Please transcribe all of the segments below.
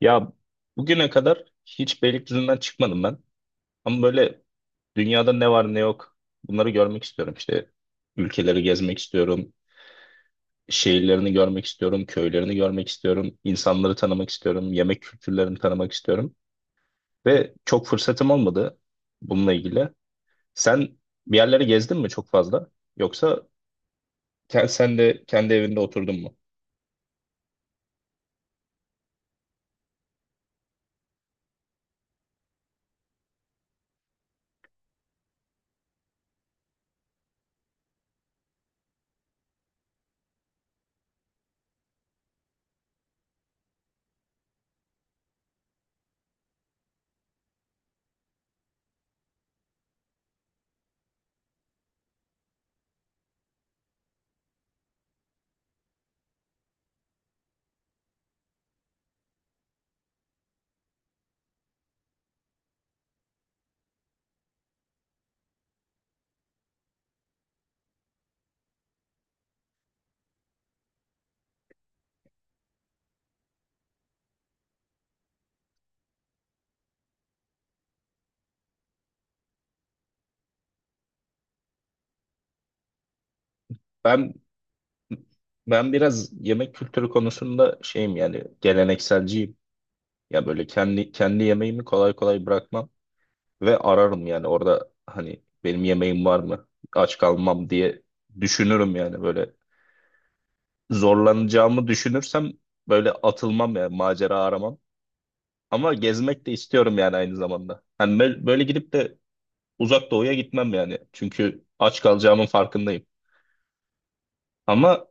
Ya, bugüne kadar hiç Beylikdüzü'nden çıkmadım ben. Ama böyle dünyada ne var ne yok bunları görmek istiyorum. İşte ülkeleri gezmek istiyorum. Şehirlerini görmek istiyorum. Köylerini görmek istiyorum. İnsanları tanımak istiyorum. Yemek kültürlerini tanımak istiyorum. Ve çok fırsatım olmadı bununla ilgili. Sen bir yerlere gezdin mi çok fazla? Yoksa sen de kendi evinde oturdun mu? Ben ben biraz yemek kültürü konusunda şeyim yani gelenekselciyim. Ya böyle kendi yemeğimi kolay kolay bırakmam ve ararım yani orada hani benim yemeğim var mı? Aç kalmam diye düşünürüm yani böyle zorlanacağımı düşünürsem böyle atılmam yani macera aramam. Ama gezmek de istiyorum yani aynı zamanda. Hani böyle gidip de uzak doğuya gitmem yani. Çünkü aç kalacağımın farkındayım. Ama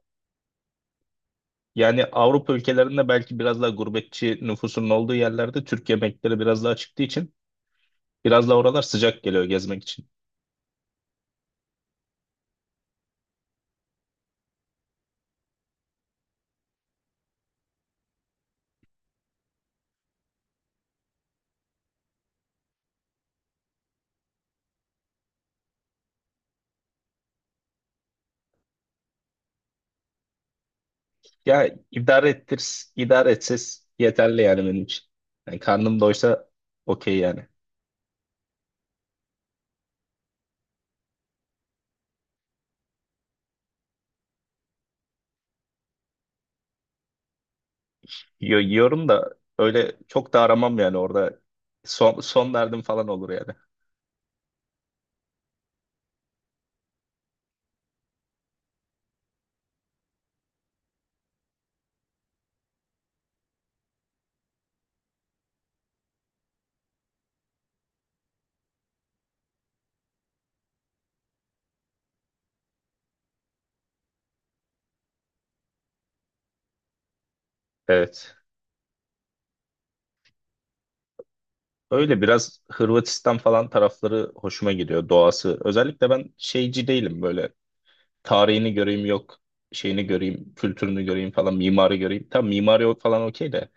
yani Avrupa ülkelerinde belki biraz daha gurbetçi nüfusun olduğu yerlerde Türk yemekleri biraz daha çıktığı için biraz daha oralar sıcak geliyor gezmek için. Ya idare ettir, idare etsiz yeterli yani benim için. Yani karnım doysa okey yani. Yiyorum da öyle çok da aramam yani orada. Son, son derdim falan olur yani. Evet. Öyle biraz Hırvatistan falan tarafları hoşuma gidiyor doğası. Özellikle ben şeyci değilim böyle. Tarihini göreyim yok, şeyini göreyim, kültürünü göreyim falan, mimari göreyim. Tam mimari falan okey de.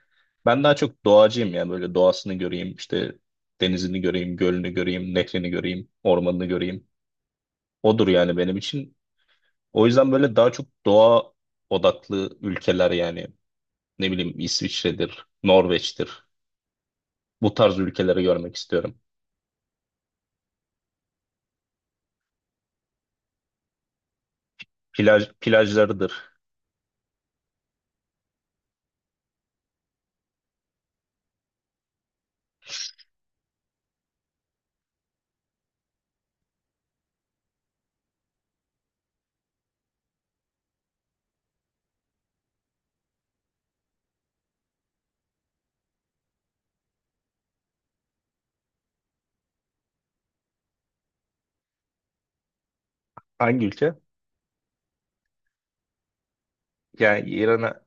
Ben daha çok doğacıyım ya böyle doğasını göreyim işte denizini göreyim, gölünü göreyim, nehrini göreyim, ormanını göreyim. Odur yani benim için. O yüzden böyle daha çok doğa odaklı ülkeler yani ne bileyim İsviçre'dir, Norveç'tir. Bu tarz ülkeleri görmek istiyorum. Plajlarıdır. Hangi ülke? Yani İran'a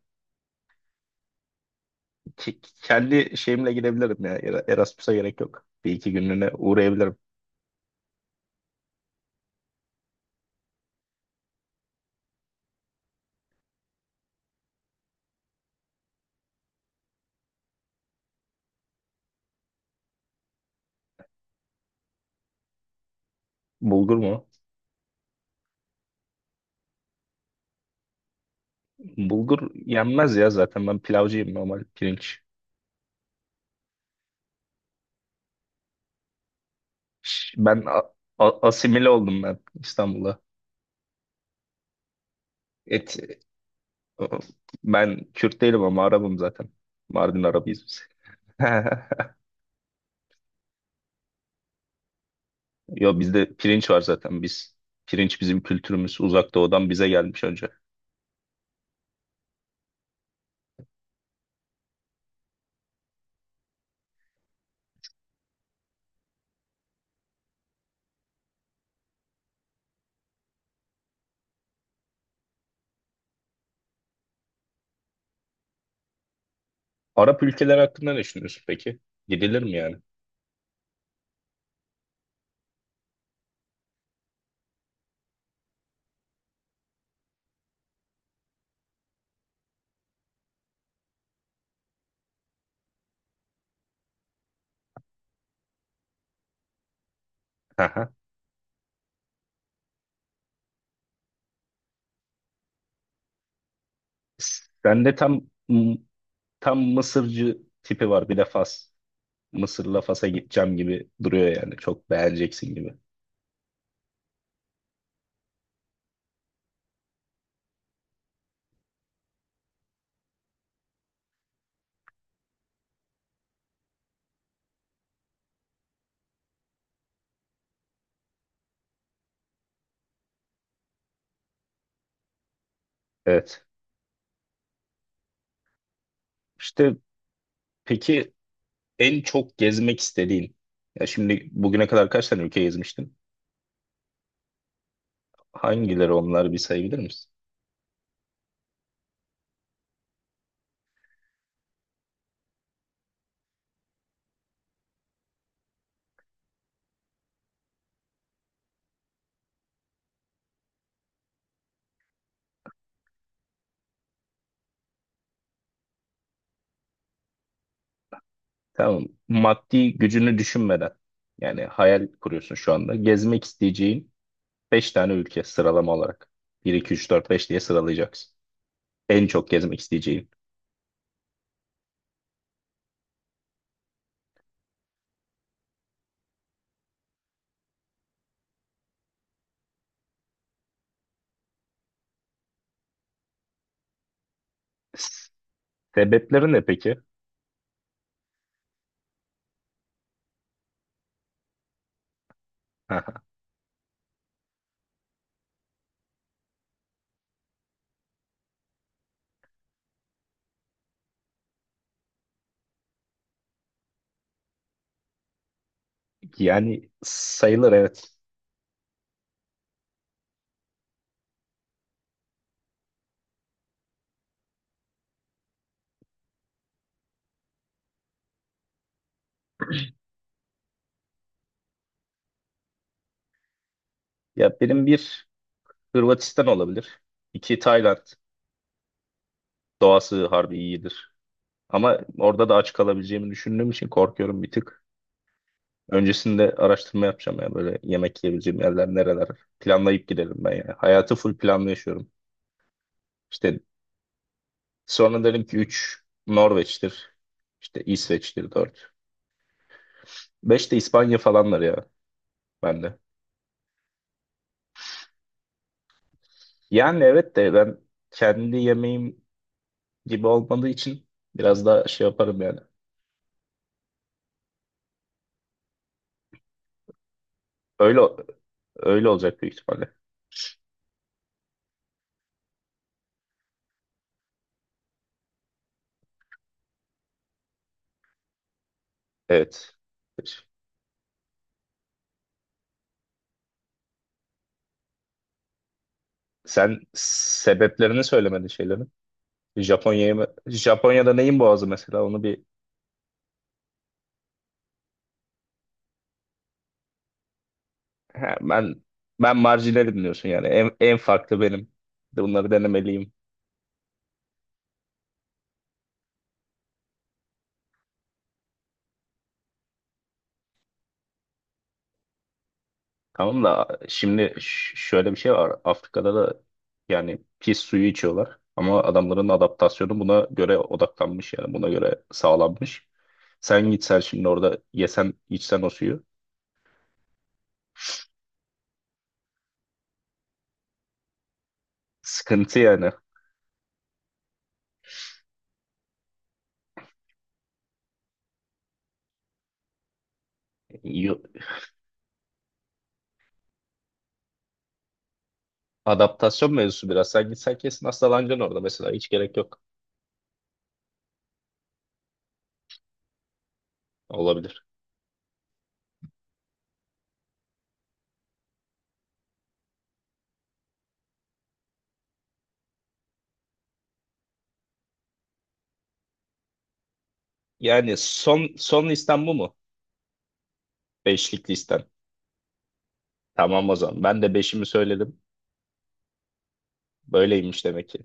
kendi şeyimle gidebilirim ya. Erasmus'a gerek yok. Bir iki günlüğüne uğrayabilirim. Bulgur mu? Bulgur yenmez ya zaten ben pilavcıyım normal pirinç. Ben asimile oldum ben İstanbul'a. Et, ben Kürt değilim ama Arabım zaten. Mardin Arabıyız biz. Yo, bizde pirinç var zaten biz. Pirinç bizim kültürümüz. Uzak Doğu'dan bize gelmiş önce. Arap ülkeleri hakkında ne düşünüyorsun peki? Gidilir mi yani? Aha. Sende tam Mısırcı tipi var. Bir de Fas. Mısır'la Fas'a gideceğim gibi duruyor yani. Çok beğeneceksin gibi. Evet. İşte peki, en çok gezmek istediğin. Ya şimdi bugüne kadar kaç tane ülke gezmiştin? Hangileri onlar, bir sayabilir misin? Tamam. Maddi gücünü düşünmeden yani hayal kuruyorsun şu anda. Gezmek isteyeceğin beş tane ülke, sıralama olarak. Bir iki üç dört beş diye sıralayacaksın. En çok gezmek isteyeceğin. Sebepleri ne peki? Yani sayılır, evet. Ya benim bir, Hırvatistan olabilir. İki, Tayland. Doğası harbi iyidir. Ama orada da aç kalabileceğimi düşündüğüm için korkuyorum bir tık. Öncesinde araştırma yapacağım ya böyle, yemek yiyebileceğim yerler nereler. Planlayıp gidelim ben yani. Hayatı full planlı yaşıyorum. İşte sonra derim ki, 3 Norveç'tir. İşte İsveç'tir 4. 5 de İspanya falanlar ya bende. Yani evet de ben kendi yemeğim gibi olmadığı için biraz daha şey yaparım yani. Öyle öyle olacak büyük ihtimalle. Evet. Sen sebeplerini söylemedin şeylerin. Japonya'da neyin boğazı mesela, onu bir. Ha, ben marjinalim diyorsun yani en farklı benim. Bunları denemeliyim. Tamam da şimdi şöyle bir şey var. Afrika'da da yani pis suyu içiyorlar ama adamların adaptasyonu buna göre odaklanmış yani buna göre sağlanmış. Sen gitsen şimdi orada yesen içsen o suyu, sıkıntı yani. Yo- Adaptasyon mevzusu biraz. Sen gitsen kesin hastalanacaksın orada mesela. Hiç gerek yok. Olabilir. Yani son listem bu mu? Beşlik listem. Tamam o zaman. Ben de beşimi söyledim. Böyleymiş demek ki.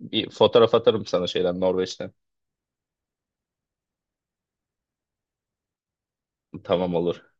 Bir fotoğraf atarım sana şeyden, Norveç'ten. Tamam, olur.